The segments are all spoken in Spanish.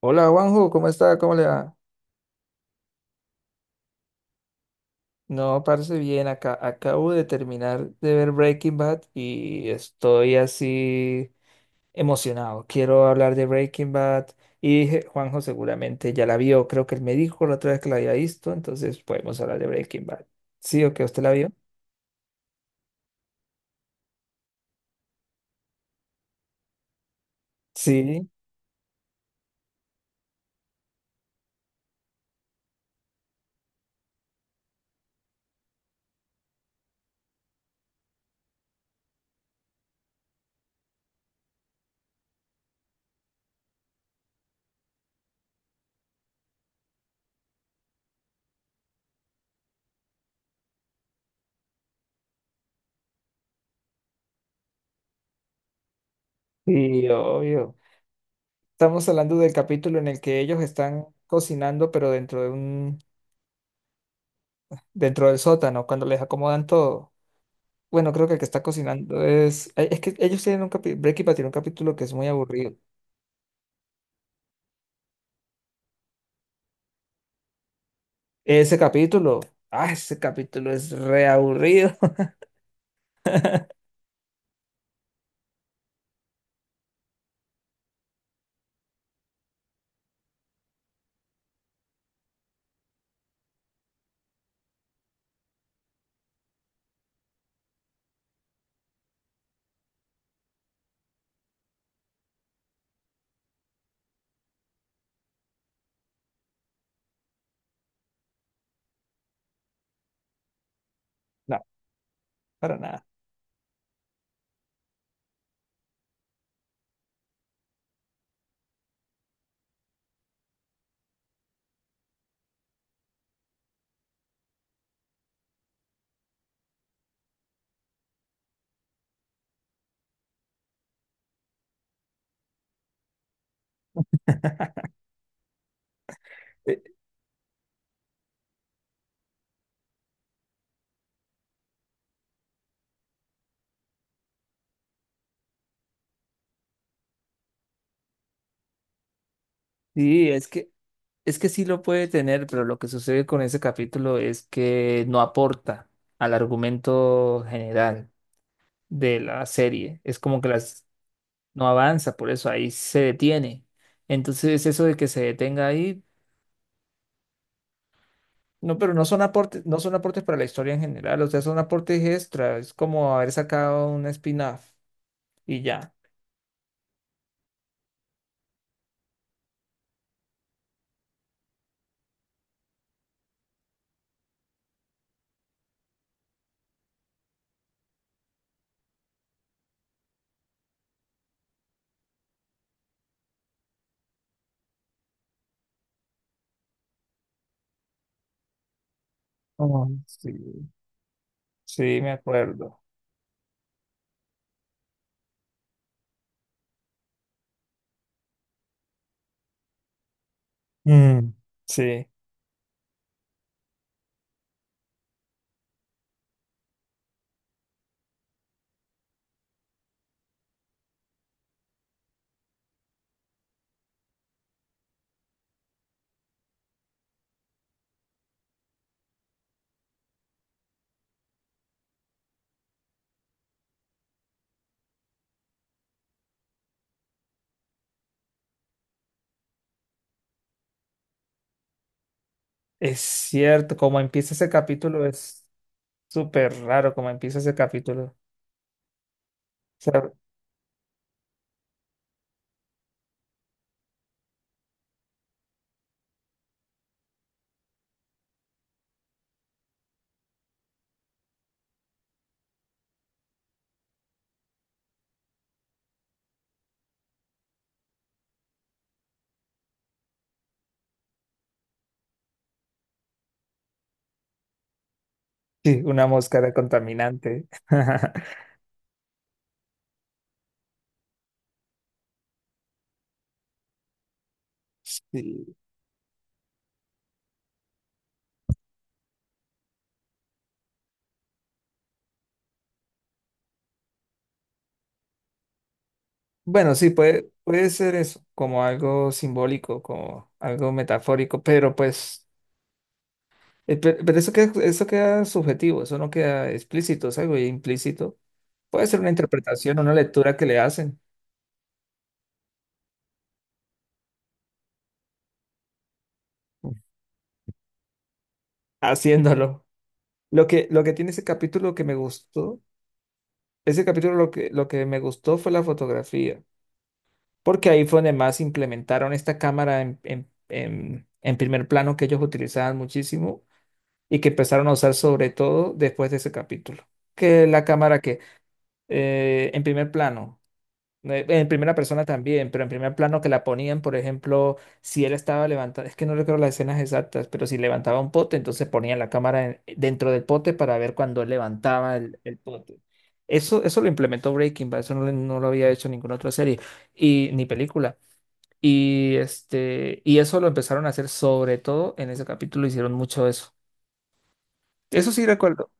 Hola Juanjo, ¿cómo está? ¿Cómo le va? No, parece bien. Acá acabo de terminar de ver Breaking Bad y estoy así emocionado. Quiero hablar de Breaking Bad y dije, Juanjo seguramente ya la vio. Creo que él me dijo la otra vez que la había visto, entonces podemos hablar de Breaking Bad. ¿Sí o qué? ¿Usted la vio? Sí, sí, obvio. Estamos hablando del capítulo en el que ellos están cocinando, pero dentro del sótano, cuando les acomodan todo. Bueno, creo que el que está cocinando es, ay, es que ellos tienen un capítulo. Breaking Bad tiene un capítulo que es muy aburrido. Ese capítulo. Ah, ese capítulo es re aburrido. No, para nada. Eh, Sí, es que sí lo puede tener, pero lo que sucede con ese capítulo es que no aporta al argumento general de la serie. Es como que las, no avanza, por eso ahí se detiene. Entonces, eso de que se detenga ahí, no, pero no son aportes, no son aportes para la historia en general, o sea, son aportes extra, es como haber sacado un spin-off y ya. Oh, sí, sí, me acuerdo. Mm, sí, es cierto, como empieza ese capítulo es súper raro, como empieza ese capítulo. O sea, sí, una mosca era contaminante. Sí. Bueno, sí, puede, puede ser eso, como algo simbólico, como algo metafórico, pero pues... Pero eso queda subjetivo, eso no queda explícito, es algo implícito. Puede ser una interpretación, una lectura que le hacen mm, haciéndolo. Lo que tiene ese capítulo que me gustó, ese capítulo lo que me gustó fue la fotografía, porque ahí fue donde más implementaron esta cámara en primer plano que ellos utilizaban muchísimo y que empezaron a usar sobre todo después de ese capítulo. Que la cámara que en primer plano. En primera persona también, pero en primer plano que la ponían, por ejemplo, si él estaba levantando, es que no recuerdo las escenas exactas, pero si levantaba un pote, entonces ponían la cámara en- dentro del pote para ver cuando él levantaba el pote. Eso lo implementó Breaking Bad, eso no, lo no lo había hecho ninguna otra serie y, ni película. Y, y eso lo empezaron a hacer sobre todo en ese capítulo, hicieron mucho eso. Eso sí recuerdo.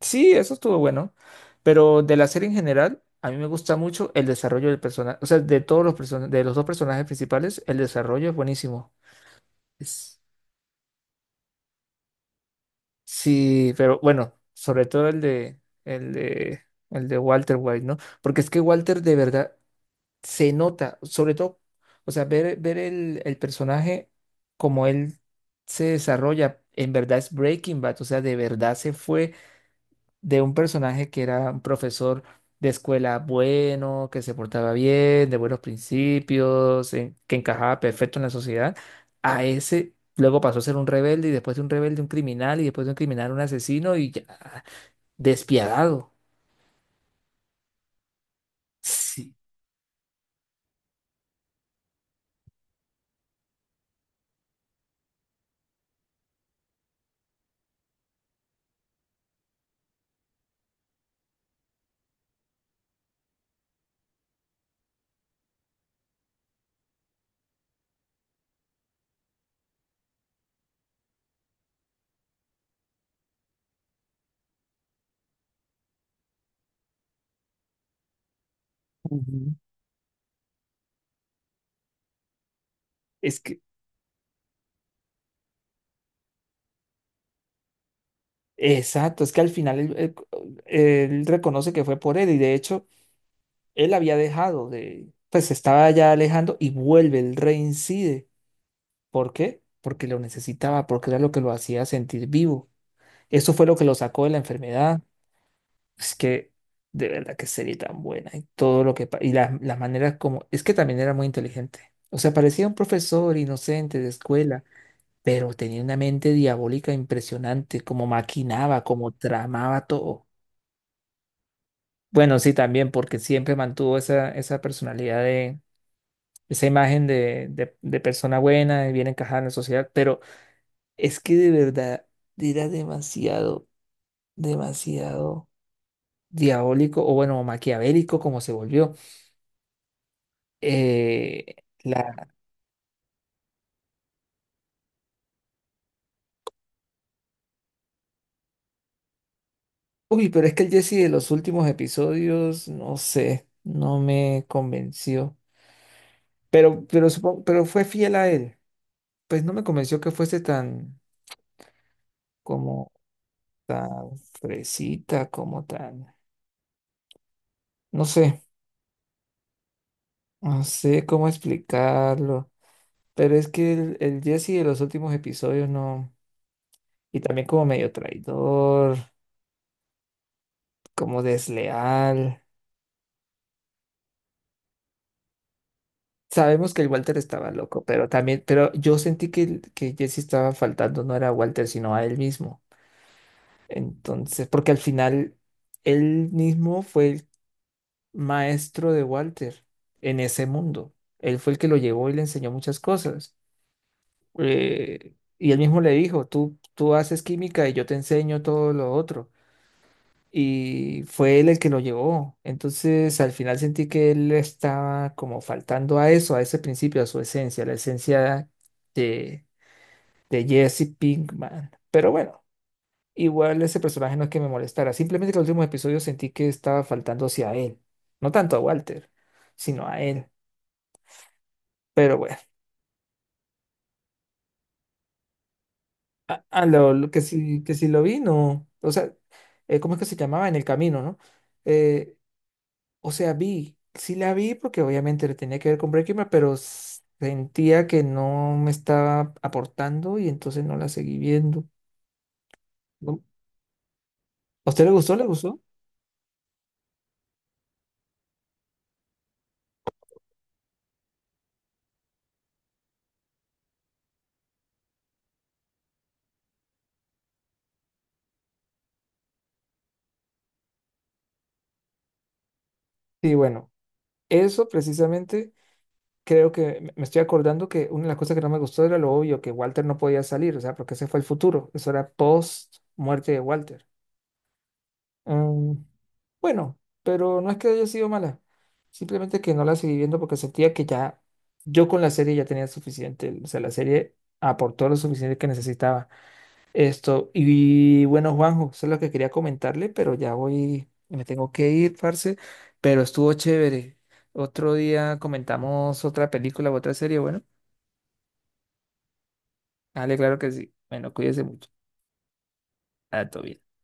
Sí, eso estuvo bueno, pero de la serie en general, a mí me gusta mucho el desarrollo del personaje, o sea, de todos los personajes, de los dos personajes principales, el desarrollo es buenísimo. Es- Sí, pero bueno, sobre todo el de Walter White, ¿no? Porque es que Walter de verdad se nota, sobre todo, o sea, ver el personaje como él se desarrolla, en verdad es Breaking Bad, o sea, de verdad se fue de un personaje que era un profesor de escuela bueno, que se portaba bien, de buenos principios, que encajaba perfecto en la sociedad, a ese luego pasó a ser un rebelde y después de un rebelde un criminal y después de un criminal un asesino y ya despiadado. Sí. Ujú. Es que, exacto, es que al final él reconoce que fue por él, y de hecho él había dejado de, pues se estaba ya alejando y vuelve, él reincide. ¿Por qué? Porque lo necesitaba, porque era lo que lo hacía sentir vivo. Eso fue lo que lo sacó de la enfermedad. Es que de verdad que sería tan buena y todo lo que pa- y las maneras como, es que también era muy inteligente. O sea, parecía un profesor inocente de escuela, pero tenía una mente diabólica impresionante, como maquinaba, como tramaba todo. Bueno, sí, también porque siempre mantuvo esa personalidad de esa imagen de persona buena, de bien encajada en la sociedad, pero es que de verdad era demasiado, demasiado diabólico o bueno, maquiavélico como se volvió. Eh, la... Uy, pero es que el Jesse de los últimos episodios, no sé, no me convenció. Pero supongo, pero fue fiel a él. Pues no me convenció que fuese tan, como tan, fresita, como tan, no sé, no sé cómo explicarlo. Pero es que el Jesse de los últimos episodios no, y también como medio traidor, como desleal. Sabemos que el Walter estaba loco, pero también, pero yo sentí que, que Jesse estaba faltando, no era a Walter, sino a él mismo. Entonces, porque al final él mismo fue el maestro de Walter en ese mundo. Él fue el que lo llevó y le enseñó muchas cosas. Y él mismo le dijo, tú haces química y yo te enseño todo lo otro, y fue él el que lo llevó. Entonces, al final sentí que él estaba como faltando a eso, a ese principio, a su esencia, la esencia de, de Jesse Pinkman. Pero bueno, igual ese personaje no es que me molestara, simplemente que el último episodio sentí que estaba faltando hacia él, no tanto a Walter, sino a él. Pero bueno, lo que sí lo vi, no. O sea, ¿cómo es que se llamaba? En el camino, ¿no? Eh, O sea, vi, sí la vi porque obviamente le tenía que ver con Breaking Bad, pero s- sentía que no me estaba aportando y entonces no la seguí viendo. ¿No? ¿A usted le gustó? ¿Le gustó? Sí, bueno, eso precisamente creo que me estoy acordando que una de las cosas que no me gustó era lo obvio, que Walter no podía salir, o sea, porque ese fue el futuro, eso era post muerte de Walter. Mm, Bueno, pero no es que haya sido mala, simplemente que no la seguí viendo porque sentía que ya yo con la serie ya tenía suficiente, o sea, la serie aportó lo suficiente que necesitaba esto. Y bueno, Juanjo, eso es lo que quería comentarle, pero ya voy, me tengo que ir, parce, pero estuvo chévere. Otro día comentamos otra película u otra serie, bueno, dale, claro que sí. Bueno, cuídese mucho. Ah, todo bien.